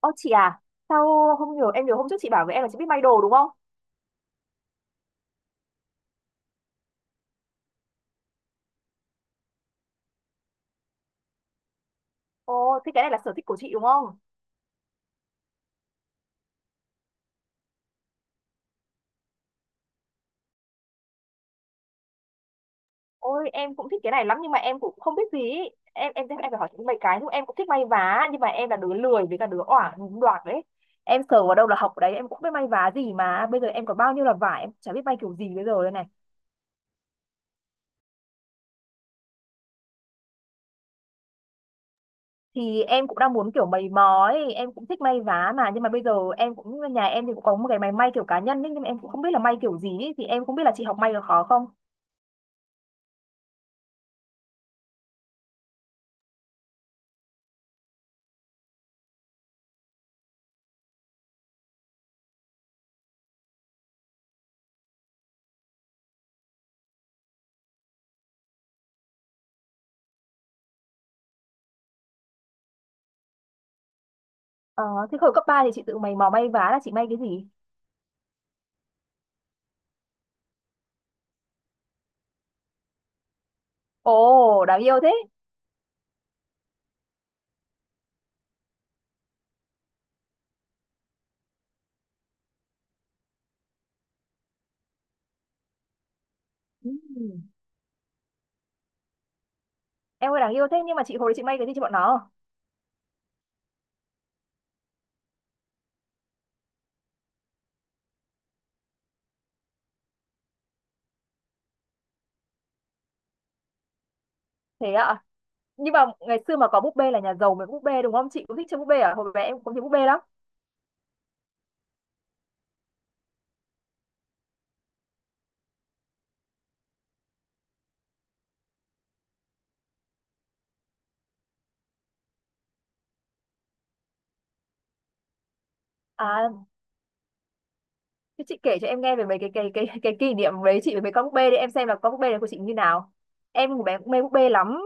Ô chị à, sao không hiểu? Em nhớ hôm trước chị bảo với em là chị biết may đồ đúng không? Ồ, thế cái này là sở thích của chị đúng không? Ôi em cũng thích cái này lắm nhưng mà em cũng không biết gì. Em phải hỏi chị mấy cái nhưng em cũng thích may vá nhưng mà em là đứa lười với cả đứa oải đoạt đấy. Em sờ vào đâu là học ở đấy, em cũng biết may vá gì mà bây giờ em có bao nhiêu là vải em chả biết may kiểu gì bây giờ đây này. Thì em cũng đang muốn kiểu mày mò ấy, em cũng thích may vá mà nhưng mà bây giờ em cũng nhà em thì cũng có một cái máy may kiểu cá nhân ấy, nhưng mà em cũng không biết là may kiểu gì ấy. Thì em không biết là chị học may được khó không? Ờ, Thế hồi cấp 3 thì chị tự mày mò may vá là chị may cái gì? Ồ, đáng yêu thế. Ừ. Em ơi đáng yêu thế nhưng mà chị hồi đấy chị may cái gì cho bọn nó? Thế ạ. Nhưng mà ngày xưa mà có búp bê là nhà giàu mới có búp bê đúng không? Chị cũng thích chơi búp bê à? Hồi bé em cũng thích búp bê lắm. À, thế chị kể cho em nghe về mấy cái kỷ niệm đấy chị với mấy con búp bê đi em xem là con búp bê này của chị như nào. Em hồi bé cũng mê búp bê lắm.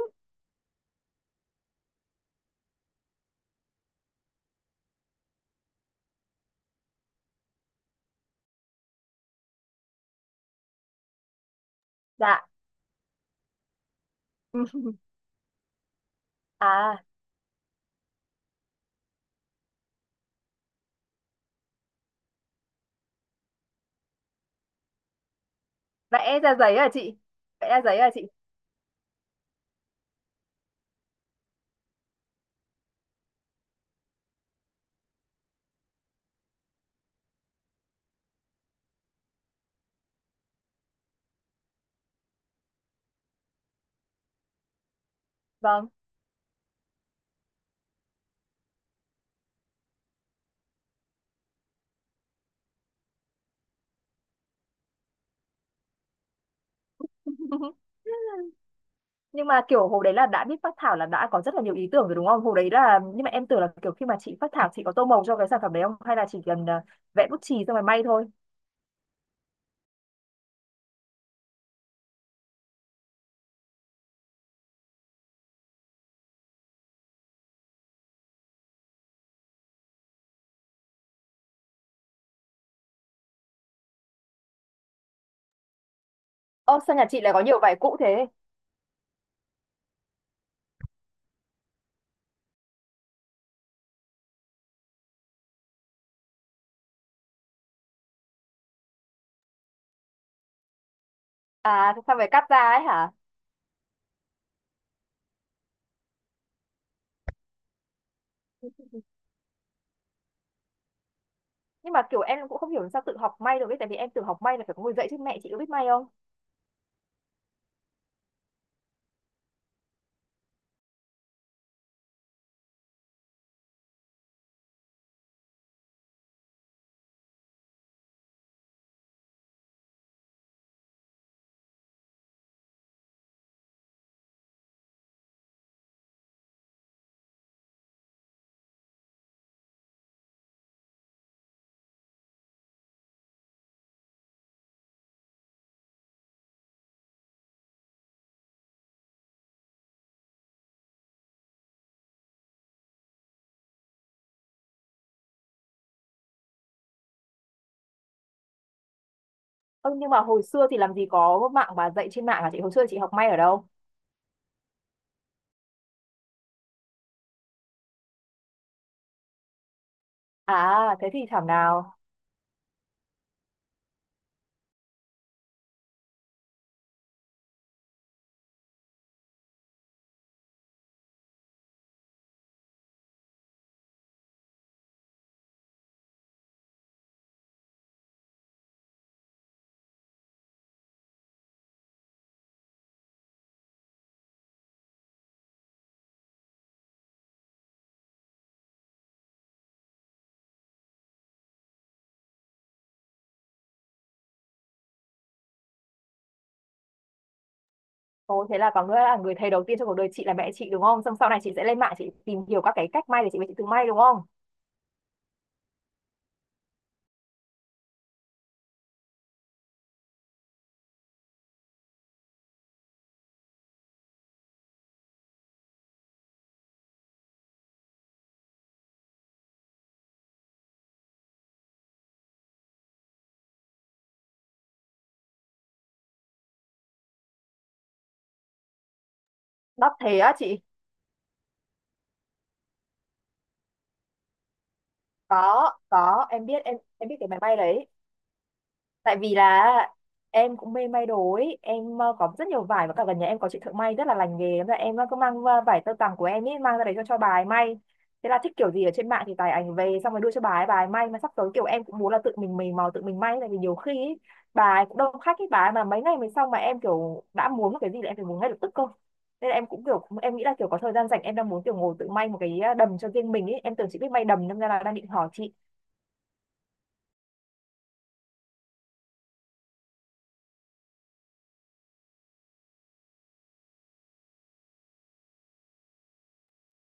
Dạ. À, vẽ ra giấy à chị? Vẽ ra giấy à chị? Vâng. Nhưng mà kiểu hồi đấy là đã biết phác thảo là đã có rất là nhiều ý tưởng rồi đúng không hồi đấy là, nhưng mà em tưởng là kiểu khi mà chị phác thảo chị có tô màu cho cái sản phẩm đấy không hay là chỉ cần vẽ bút chì xong rồi may thôi. Ô sao nhà chị lại có nhiều vải cũ thế? À sao phải cắt ra ấy hả? Nhưng mà kiểu em cũng không hiểu sao tự học may được ấy tại vì em tự học may là phải có người dạy chứ, mẹ chị có biết may không? Ơ nhưng mà hồi xưa thì làm gì có mạng mà dạy trên mạng à chị? Hồi xưa chị học may ở đâu? À thế thì thảo nào. Ồ thế là có nghĩa là người thầy đầu tiên trong cuộc đời chị là mẹ chị đúng không? Xong sau này chị sẽ lên mạng chị tìm hiểu các cái cách may để chị về chị tự may đúng không? Đắt thế á chị? Có em biết, em biết cái máy bay đấy. Tại vì là em cũng mê may đồ ấy em, có rất nhiều vải và cả gần nhà em có chị thợ may rất là lành nghề. Thế là em, cứ mang vải tơ tằm của em ấy mang ra đấy cho bà ấy may, thế là thích kiểu gì ở trên mạng thì tải ảnh về xong rồi đưa cho bà ấy may. Mà sắp tới kiểu em cũng muốn là tự mình mày mò tự mình may tại vì nhiều khi ấy, bà ấy cũng đông khách ấy, bà ấy mà mấy ngày mới xong mà em kiểu đã muốn một cái gì là em phải muốn ngay lập tức cơ. Nên là em cũng kiểu em nghĩ là kiểu có thời gian rảnh em đang muốn kiểu ngồi tự may một cái đầm cho riêng mình ấy, em tưởng chị biết may đầm nên ra là đang định hỏi chị.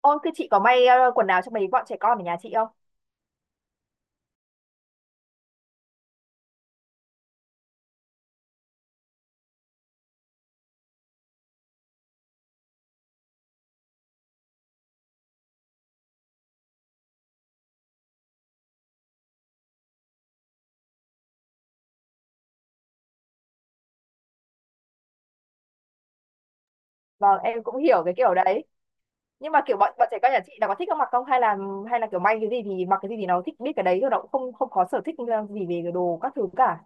Ôi, thế chị có may quần áo cho mấy bọn trẻ con ở nhà chị không? Vâng em cũng hiểu cái kiểu đấy. Nhưng mà kiểu bọn bọn trẻ con nhà chị là có thích ăn mặc không, hay là, hay là kiểu may cái gì thì mặc cái gì thì nó thích biết cái đấy thôi nó cũng không không có sở thích gì về cái đồ các thứ cả?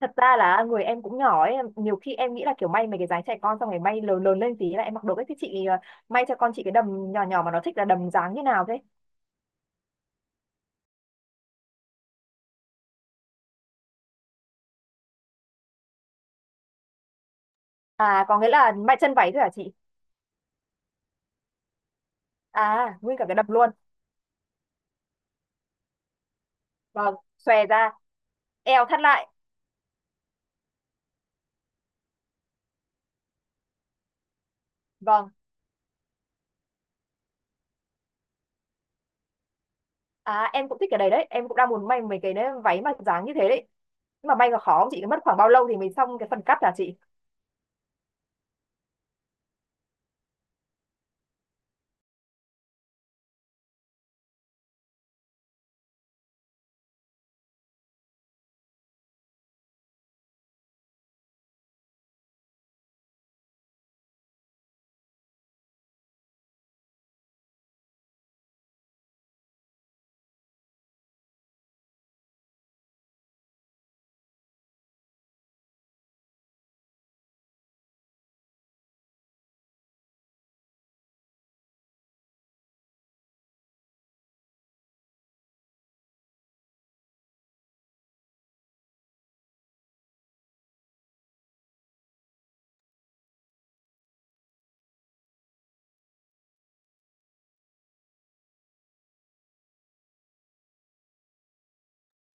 Thật ra là người em cũng nhỏ ấy, nhiều khi em nghĩ là kiểu may mấy cái dáng trẻ con xong rồi may lớn lớn lên tí là em mặc đồ ấy, thì chị may cho con chị cái đầm nhỏ nhỏ mà nó thích là đầm dáng như nào thế? À có nghĩa là may chân váy thôi hả chị? À nguyên cả cái đầm luôn. Vâng xòe ra. Eo thắt lại. Vâng. À em cũng thích cái đấy đấy, em cũng đang muốn may mấy cái đấy, váy mà dáng như thế đấy. Nhưng mà may là khó không chị, mất khoảng bao lâu thì mình xong cái phần cắt là chị?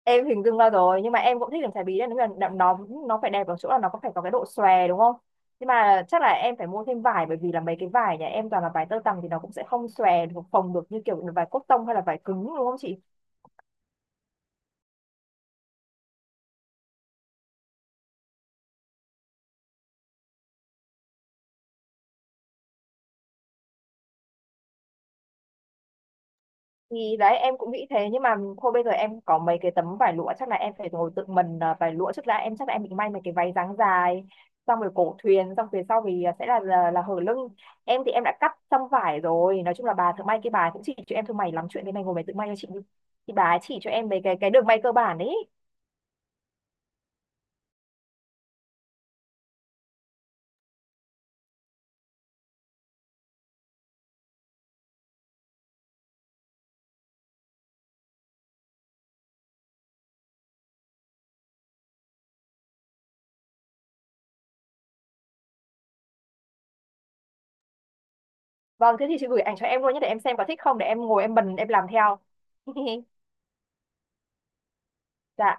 Em hình dung ra rồi, nhưng mà em cũng thích làm chải bí đấy, nó là nó phải đẹp ở chỗ là nó có phải có cái độ xòe đúng không? Nhưng mà chắc là em phải mua thêm vải bởi vì là mấy cái vải nhà em toàn là vải tơ tằm thì nó cũng sẽ không xòe được, phồng được như kiểu vải cotton hay là vải cứng đúng không chị? Thì đấy em cũng nghĩ thế, nhưng mà thôi bây giờ em có mấy cái tấm vải lụa chắc là em phải ngồi tự mình, vải lụa trước đã, em chắc là em định may mấy cái váy dáng dài xong rồi cổ thuyền, xong phía sau thì sẽ là là hở lưng. Em thì em đã cắt xong vải rồi, nói chung là bà thợ may kia bà cũng chỉ cho em thôi mày lắm chuyện thế này ngồi mày tự may cho chị đi, thì bà ấy chỉ cho em mấy cái đường may cơ bản ấy. Vâng thế thì chị gửi ảnh cho em luôn nhé để em xem có thích không để em ngồi em bần em làm theo. Dạ.